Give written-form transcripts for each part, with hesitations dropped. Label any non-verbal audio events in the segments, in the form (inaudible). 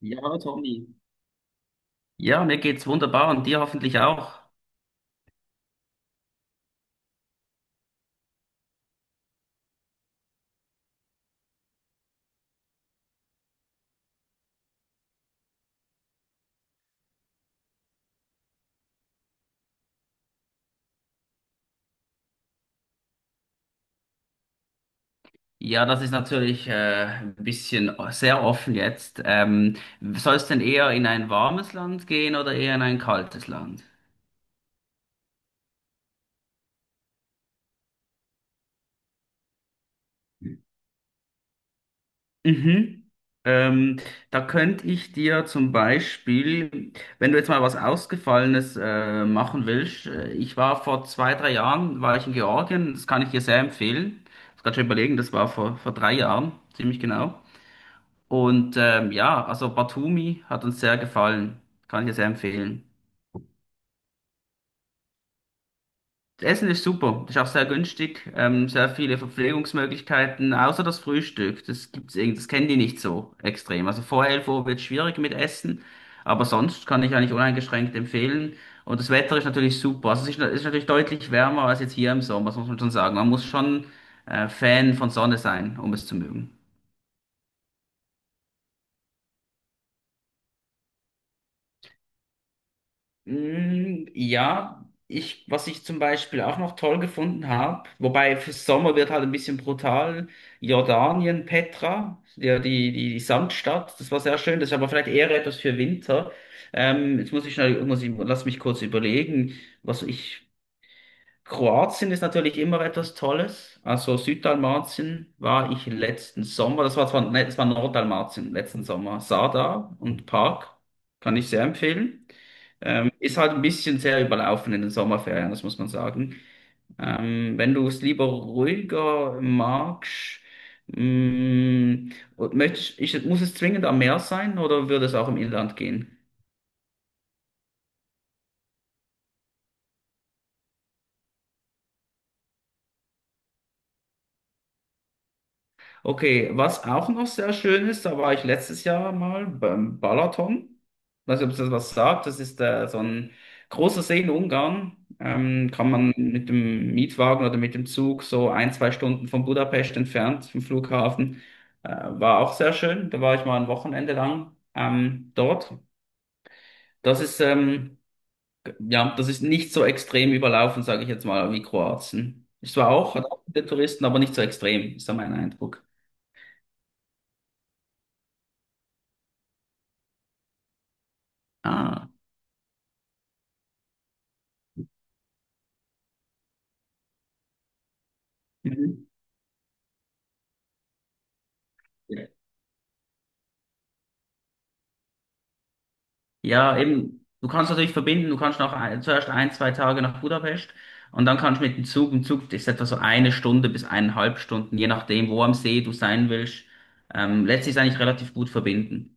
Ja, Tommy. Ja, mir geht's wunderbar und dir hoffentlich auch. Ja, das ist natürlich ein bisschen sehr offen jetzt. Soll es denn eher in ein warmes Land gehen oder eher in ein kaltes Land? Mhm. Ähm, Da könnte ich dir zum Beispiel, wenn du jetzt mal was Ausgefallenes machen willst, ich war vor 2, 3 Jahren, war ich in Georgien. Das kann ich dir sehr empfehlen. Ich muss gerade schon überlegen, das war vor 3 Jahren, ziemlich genau. Und ja, also Batumi hat uns sehr gefallen. Kann ich dir sehr empfehlen. Das Essen ist super, ist auch sehr günstig, sehr viele Verpflegungsmöglichkeiten, außer das Frühstück. Das gibt's irgendwie, das kennen die nicht so extrem. Also vor 11 Uhr wird schwierig mit Essen, aber sonst kann ich eigentlich uneingeschränkt empfehlen. Und das Wetter ist natürlich super. Also es ist natürlich deutlich wärmer als jetzt hier im Sommer, das muss man schon sagen. Man muss schon Fan von Sonne sein, um es zu mögen. Mm, ja, was ich zum Beispiel auch noch toll gefunden habe, wobei für Sommer wird halt ein bisschen brutal, Jordanien, Petra, ja, die Sandstadt, das war sehr schön, das ist aber vielleicht eher etwas für Winter. Jetzt muss ich schnell, muss ich, lass mich kurz überlegen, was ich, Kroatien ist natürlich immer etwas Tolles, also Süddalmatien war ich letzten Sommer, das war zwar, ne, das war Norddalmatien letzten Sommer, Sada und Park, kann ich sehr empfehlen. Ist halt ein bisschen sehr überlaufen in den Sommerferien, das muss man sagen. Wenn du es lieber ruhiger magst, mh, und möchtest, muss es zwingend am Meer sein oder würde es auch im Inland gehen? Okay, was auch noch sehr schön ist, da war ich letztes Jahr mal beim Balaton. Weiß nicht, ob es das was sagt. Das ist so ein großer See in Ungarn. Kann man mit dem Mietwagen oder mit dem Zug so 1, 2 Stunden von Budapest entfernt vom Flughafen. Äh, War auch sehr schön. Da war ich mal ein Wochenende lang dort. Das ist ja, das ist nicht so extrem überlaufen, sage ich jetzt mal, wie Kroatien. Es war auch, hat auch viele Touristen, aber nicht so extrem, ist da mein Eindruck. Ah. Mhm. Ja, eben, du kannst natürlich verbinden, du kannst zuerst 1, 2 Tage nach Budapest, und dann kannst du mit dem Zug, im Zug ist etwa so 1 Stunde bis 1,5 Stunden, je nachdem, wo am See du sein willst, lässt sich eigentlich relativ gut verbinden.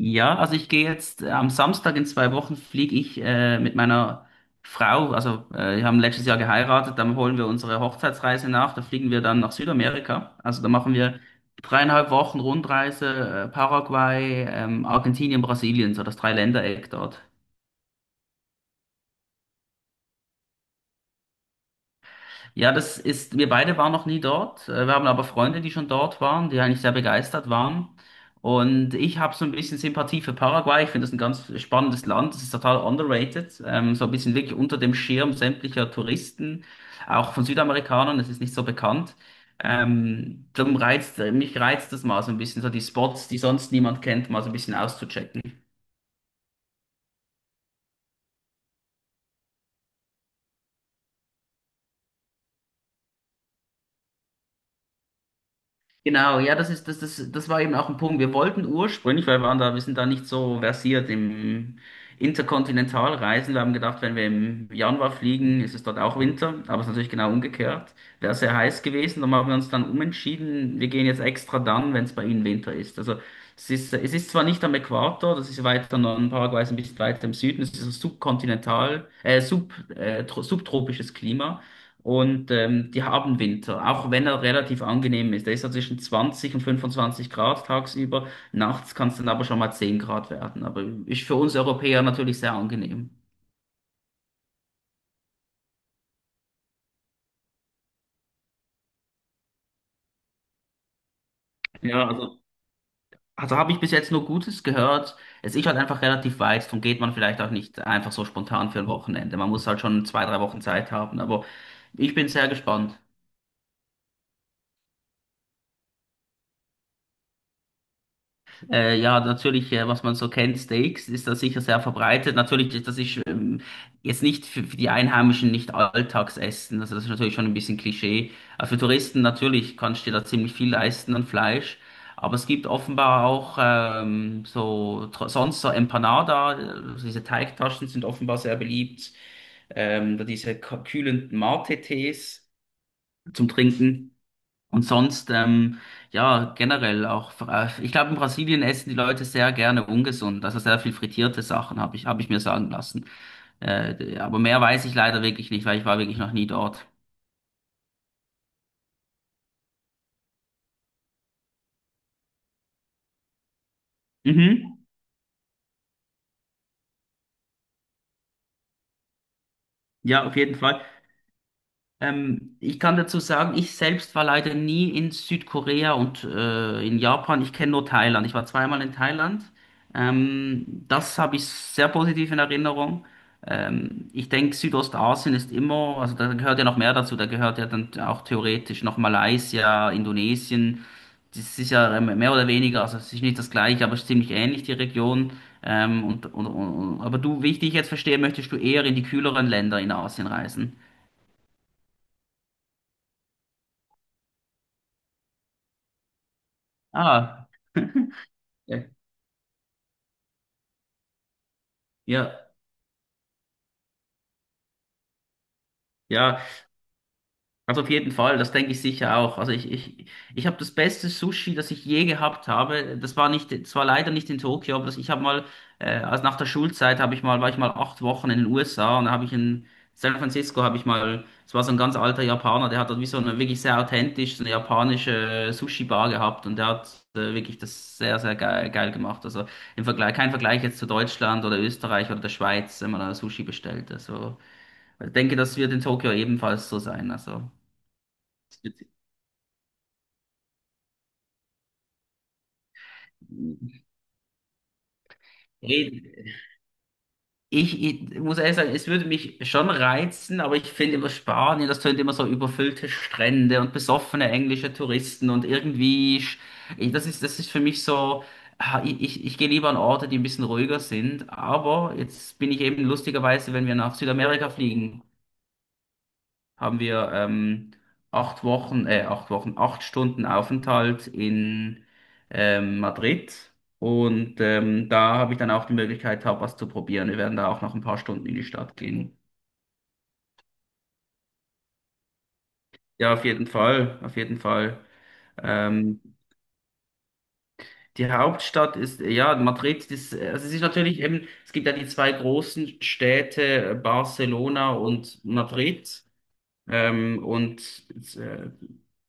Ja, also ich gehe jetzt am Samstag in 2 Wochen fliege ich mit meiner Frau, also wir haben letztes Jahr geheiratet, dann holen wir unsere Hochzeitsreise nach, da fliegen wir dann nach Südamerika. Also da machen wir 3,5 Wochen Rundreise, Paraguay, Argentinien, Brasilien, so das Dreiländereck dort. Ja, das ist, wir beide waren noch nie dort. Wir haben aber Freunde, die schon dort waren, die eigentlich sehr begeistert waren. Und ich habe so ein bisschen Sympathie für Paraguay. Ich finde das ein ganz spannendes Land. Das ist total underrated. So ein bisschen wirklich unter dem Schirm sämtlicher Touristen, auch von Südamerikanern. Es ist nicht so bekannt. Darum reizt, mich reizt das mal so ein bisschen, so die Spots, die sonst niemand kennt, mal so ein bisschen auszuchecken. Genau, ja, das ist, das, das, das war eben auch ein Punkt. Wir wollten ursprünglich, weil wir sind da nicht so versiert im Interkontinentalreisen. Wir haben gedacht, wenn wir im Januar fliegen, ist es dort auch Winter, aber es ist natürlich genau umgekehrt. Wäre sehr heiß gewesen, dann haben wir uns dann umentschieden, wir gehen jetzt extra dann, wenn es bei Ihnen Winter ist. Also es ist zwar nicht am Äquator, das ist weiter noch, Paraguay ist ein bisschen weiter im Süden, es ist ein subkontinental, subtropisches Klima. Und die haben Winter, auch wenn er relativ angenehm ist. Der ist so zwischen 20 und 25 Grad tagsüber. Nachts kann es dann aber schon mal 10 Grad werden. Aber ist für uns Europäer natürlich sehr angenehm. Ja, also habe ich bis jetzt nur Gutes gehört. Es ist halt einfach relativ weit, darum geht man vielleicht auch nicht einfach so spontan für ein Wochenende. Man muss halt schon 2, 3 Wochen Zeit haben. Aber ich bin sehr gespannt. Ja, natürlich, was man so kennt, Steaks ist da sicher sehr verbreitet. Natürlich, das ist jetzt nicht für die Einheimischen nicht Alltagsessen. Also das ist natürlich schon ein bisschen Klischee. Aber für Touristen natürlich kannst du dir da ziemlich viel leisten an Fleisch. Aber es gibt offenbar auch so sonst so Empanada, also diese Teigtaschen sind offenbar sehr beliebt. Da diese kühlenden Mate-Tees zum Trinken. Und sonst, ja, generell auch, ich glaube, in Brasilien essen die Leute sehr gerne ungesund, also sehr viel frittierte Sachen, habe ich mir sagen lassen. Aber mehr weiß ich leider wirklich nicht, weil ich war wirklich noch nie dort. Mhm. Ja, auf jeden Fall. Ich kann dazu sagen, ich selbst war leider nie in Südkorea und in Japan. Ich kenne nur Thailand. Ich war zweimal in Thailand. Das habe ich sehr positiv in Erinnerung. Ich denke, Südostasien ist immer, also da gehört ja noch mehr dazu. Da gehört ja dann auch theoretisch noch Malaysia, Indonesien. Das ist ja mehr oder weniger, also es ist nicht das gleiche, aber es ist ziemlich ähnlich, die Region. Aber du, wie ich dich jetzt verstehe, möchtest du eher in die kühleren Länder in Asien reisen. Ah. Ja, ja, ja, also auf jeden Fall, das denke ich sicher auch. Also ich habe das beste Sushi, das ich je gehabt habe. Das war nicht, das war leider nicht in Tokio, aber das, ich habe mal, also nach der Schulzeit habe ich mal, war ich mal 8 Wochen in den USA, und da habe ich in San Francisco habe ich mal, es war so ein ganz alter Japaner, der hat dort wie so eine wirklich sehr authentisch, so eine japanische Sushi-Bar gehabt, und der hat wirklich das sehr, sehr geil, geil gemacht. Also im Vergleich, kein Vergleich jetzt zu Deutschland oder Österreich oder der Schweiz, wenn man da Sushi bestellt. Also ich denke, das wird in Tokio ebenfalls so sein. Also, es wird, ich muss ehrlich sagen, es würde mich schon reizen, aber ich finde immer Spanien, das tönt immer so überfüllte Strände und besoffene englische Touristen und irgendwie, das ist für mich so, ich gehe lieber an Orte, die ein bisschen ruhiger sind. Aber jetzt bin ich eben lustigerweise, wenn wir nach Südamerika fliegen, haben wir 8 Wochen, 8 Wochen, 8 Stunden Aufenthalt in Madrid. Und da habe ich dann auch die Möglichkeit, Tapas zu probieren. Wir werden da auch noch ein paar Stunden in die Stadt gehen. Ja, auf jeden Fall, auf jeden Fall. Ähm, Die Hauptstadt ist, ja, Madrid, das, also es ist natürlich eben, es gibt ja die zwei großen Städte, Barcelona und Madrid. Und äh,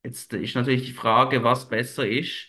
jetzt ist natürlich die Frage, was besser ist.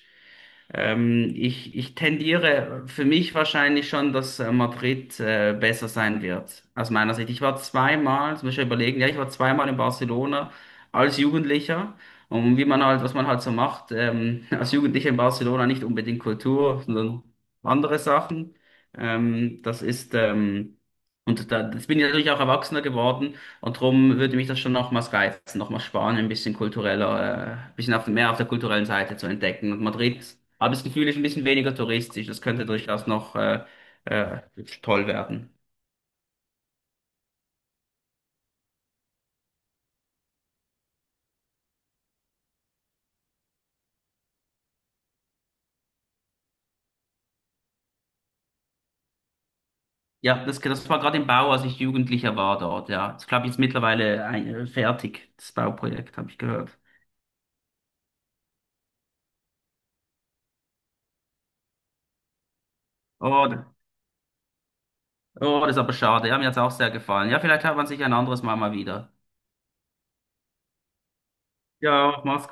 Ich tendiere für mich wahrscheinlich schon, dass Madrid besser sein wird, aus meiner Sicht. Ich war zweimal, das muss ich schon überlegen, ja, ich war zweimal in Barcelona als Jugendlicher. Und wie man halt, was man halt so macht, (laughs) als Jugendlicher in Barcelona nicht unbedingt Kultur, sondern andere Sachen. Das ist, und da, jetzt bin ich natürlich auch erwachsener geworden. Und darum würde mich das schon nochmals reizen, nochmals Spanien ein bisschen kultureller, ein bisschen mehr auf der kulturellen Seite zu entdecken. Und Madrid, habe ich das Gefühl, ist ein bisschen weniger touristisch. Das könnte durchaus noch äh, toll werden. Ja, das war gerade im Bau, als ich Jugendlicher war dort. Ja, das glaube ich jetzt mittlerweile fertig, das Bauprojekt, habe ich gehört. Oh, da- oh, das ist aber schade. Ja, mir hat's auch sehr gefallen. Ja, vielleicht hört man sich ein anderes Mal mal wieder. Ja, mach's.